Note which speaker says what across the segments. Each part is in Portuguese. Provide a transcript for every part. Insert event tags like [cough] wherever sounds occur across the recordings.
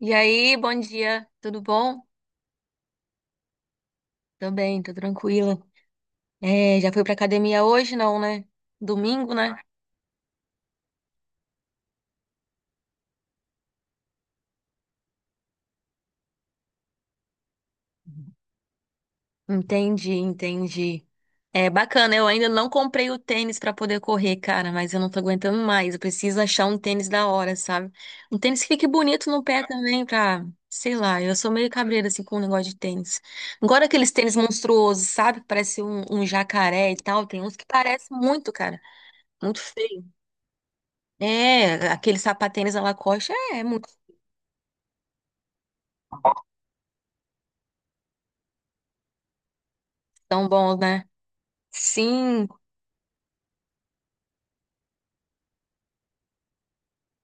Speaker 1: E aí, bom dia, tudo bom? Tô bem, tô tranquila. É, já fui pra academia hoje, não, né? Domingo, né? Entendi, entendi. É bacana, eu ainda não comprei o tênis pra poder correr, cara, mas eu não tô aguentando mais. Eu preciso achar um tênis da hora, sabe? Um tênis que fique bonito no pé também, pra, sei lá, eu sou meio cabreira assim com o negócio de tênis. Agora aqueles tênis monstruosos, sabe? Que parece um jacaré e tal, tem uns que parecem muito, cara. Muito feio. É, aquele sapatênis à Lacoste é muito tão bom, né? Sim,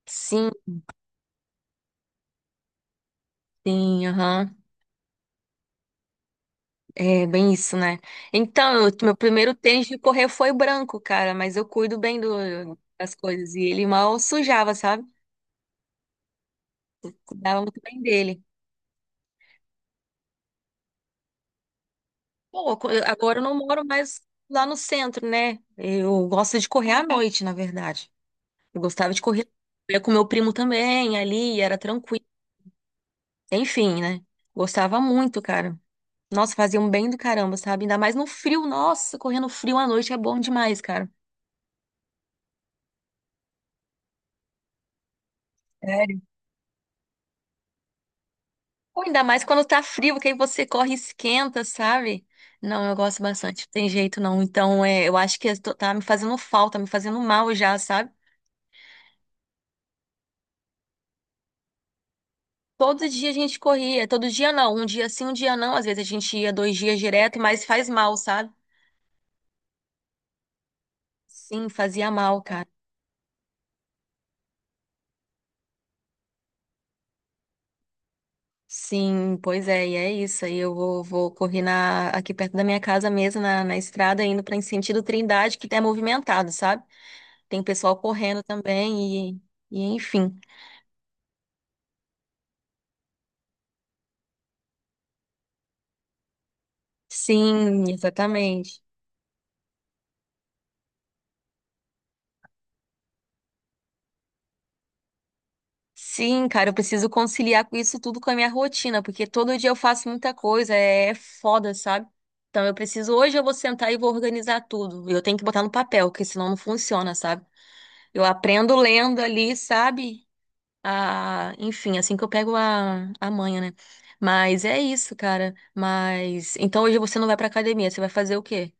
Speaker 1: sim, sim, aham. É bem isso, né? Então, meu primeiro tênis de correr foi branco, cara, mas eu cuido bem das coisas. E ele mal sujava, sabe? Cuidava muito bem dele. Pô, agora eu não moro mais lá no centro, né? Eu gosto de correr à noite, na verdade. Eu gostava de correr. Eu ia com meu primo também ali, era tranquilo. Enfim, né? Gostava muito, cara. Nossa, fazia um bem do caramba, sabe? Ainda mais no frio. Nossa, correndo frio à noite é bom demais, cara. Sério? Ou ainda mais quando tá frio, que aí você corre e esquenta, sabe? Não, eu gosto bastante. Não tem jeito, não. Então, é, eu acho que tá me fazendo falta, me fazendo mal já, sabe? Todo dia a gente corria. Todo dia não. Um dia sim, um dia não. Às vezes a gente ia dois dias direto, mas faz mal, sabe? Sim, fazia mal, cara. Sim, pois é, e é isso. Aí eu vou correr aqui perto da minha casa mesmo, na estrada, indo para em sentido Trindade, que é movimentado, sabe? Tem pessoal correndo também e enfim. Sim, exatamente. Sim, cara, eu preciso conciliar com isso tudo com a minha rotina, porque todo dia eu faço muita coisa, é foda, sabe? Então eu preciso, hoje eu vou sentar e vou organizar tudo. Eu tenho que botar no papel, porque senão não funciona, sabe? Eu aprendo lendo ali, sabe? Enfim, assim que eu pego a manha, né? Mas é isso, cara. Mas então hoje você não vai pra academia, você vai fazer o quê?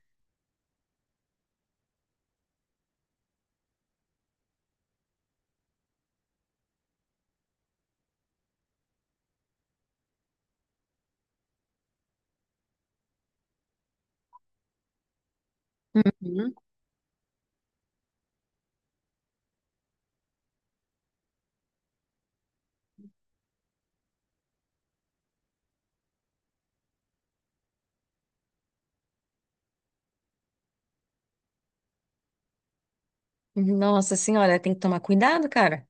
Speaker 1: Uhum. Nossa senhora, tem que tomar cuidado, cara.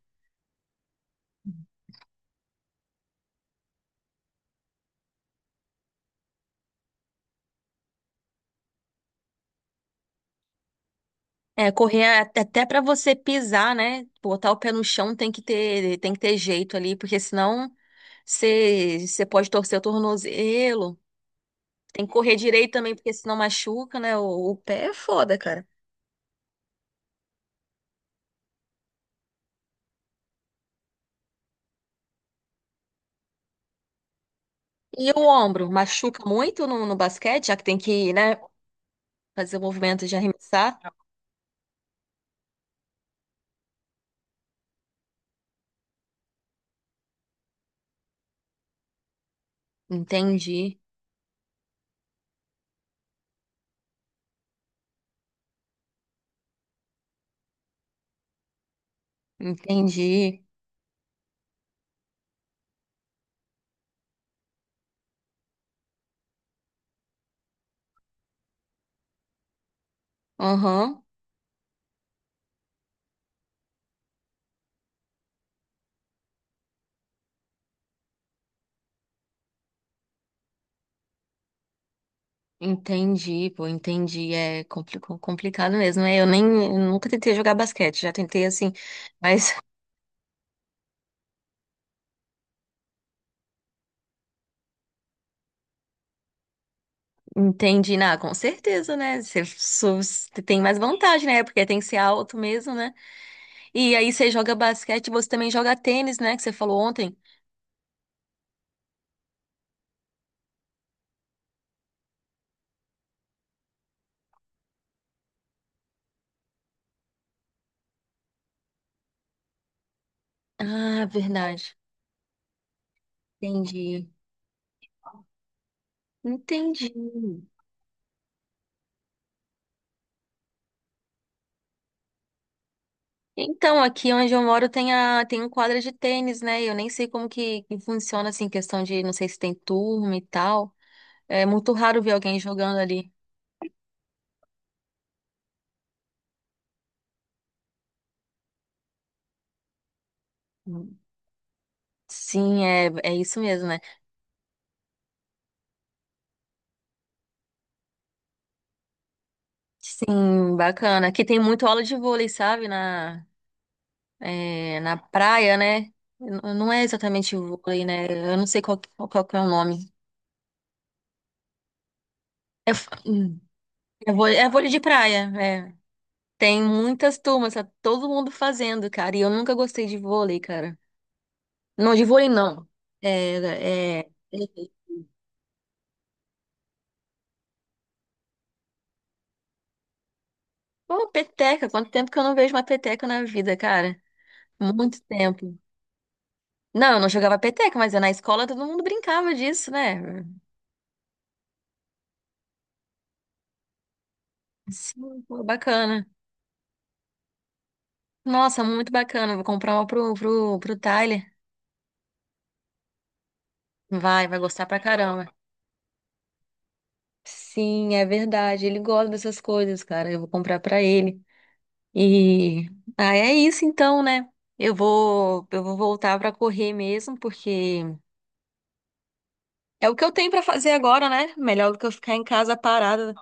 Speaker 1: É, correr até pra você pisar, né? Botar o pé no chão tem que ter jeito ali, porque senão você pode torcer o tornozelo. Tem que correr direito também, porque senão machuca, né? O pé é foda, cara. E o ombro? Machuca muito no basquete, já que tem que né? Fazer o movimento de arremessar? Entendi, entendi. Aham, entendi, pô, entendi. É complicado mesmo, né? Eu nunca tentei jogar basquete, já tentei assim, mas [laughs] entendi, na com certeza, né? Você você tem mais vantagem, né? Porque tem que ser alto mesmo, né? E aí você joga basquete, você também joga tênis, né? Que você falou ontem. Ah, verdade. Entendi. Entendi. Então, aqui onde eu moro tem a tem um quadra de tênis, né? Eu nem sei como que funciona assim, questão de não sei se tem turma e tal. É muito raro ver alguém jogando ali. Sim, é, é isso mesmo, né? Sim, bacana. Aqui tem muito aula de vôlei, sabe? É, na praia, né? Não é exatamente vôlei, né? Eu não sei qual, qual, qual que é o nome. É, é vôlei de praia, é. Tem muitas turmas, tá todo mundo fazendo, cara. E eu nunca gostei de vôlei, cara. Não, de vôlei não. É, é... Pô, peteca, quanto tempo que eu não vejo uma peteca na vida, cara? Muito tempo. Não, eu não jogava peteca, mas na escola todo mundo brincava disso, né? Sim, pô, bacana. Nossa, muito bacana. Vou comprar uma pro Tyler. Vai gostar pra caramba. Sim, é verdade. Ele gosta dessas coisas, cara. Eu vou comprar pra ele. E ah, é isso então, né? Eu vou voltar pra correr mesmo, porque é o que eu tenho pra fazer agora, né? Melhor do que eu ficar em casa parada.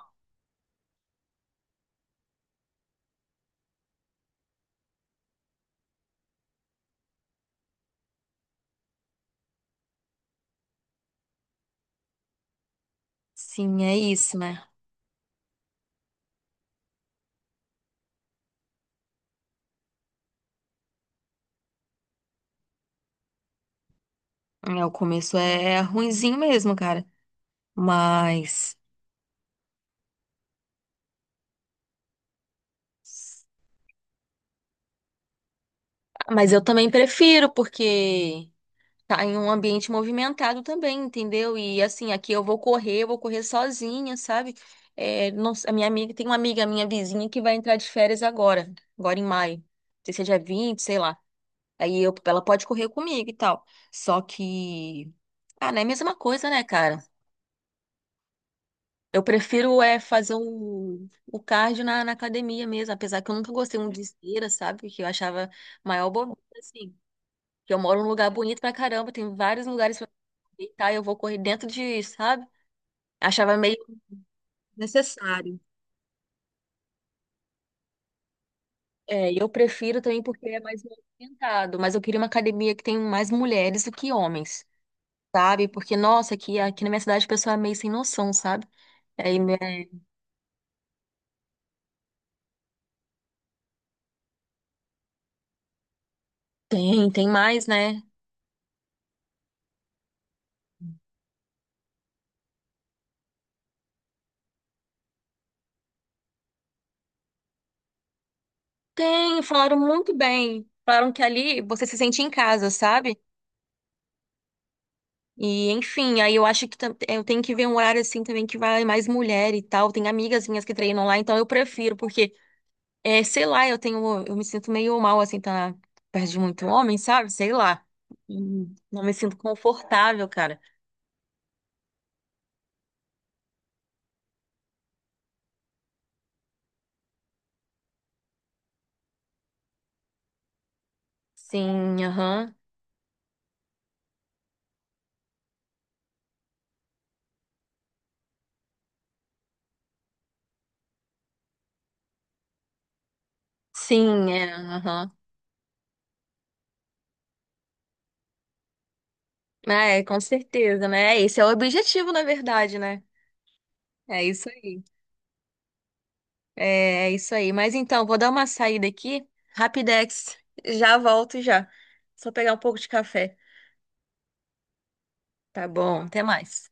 Speaker 1: Sim, é isso, né? É, o começo é ruinzinho mesmo, cara. Mas. Mas eu também prefiro, porque tá em um ambiente movimentado também, entendeu? E assim, aqui eu vou correr sozinha, sabe? É, a minha amiga, tem uma amiga minha vizinha que vai entrar de férias agora, agora em maio. Não sei se é dia 20, sei lá. Aí eu, ela pode correr comigo e tal. Só que. Ah, não é a mesma coisa, né, cara? Eu prefiro é fazer o cardio na academia mesmo, apesar que eu nunca gostei muito de esteira, sabe? Porque eu achava maior bobeira, assim. Que eu moro num lugar bonito pra caramba, tem vários lugares pra deitar e eu vou correr dentro de, sabe? Achava meio necessário. É, e eu prefiro também porque é mais movimentado, mas eu queria uma academia que tem mais mulheres do que homens, sabe? Porque, nossa, aqui na minha cidade o pessoal é meio sem noção, sabe? Aí, né, tem, tem mais, né? Tem, falaram muito bem. Falaram que ali você se sente em casa, sabe? E enfim, aí eu acho que eu tenho que ver um horário assim também que vai mais mulher e tal. Tem amigas minhas que treinam lá, então eu prefiro, porque, é, sei lá, eu me sinto meio mal assim, tá perto de muito homem, sabe? Sei lá. Não me sinto confortável, cara. Sim, aham. Sim, é, aham. Ah, é, com certeza, né? Esse é o objetivo, na verdade, né? É isso aí. É é isso aí. Mas então, vou dar uma saída aqui. Rapidex. Já volto já. Só pegar um pouco de café. Tá bom, até mais.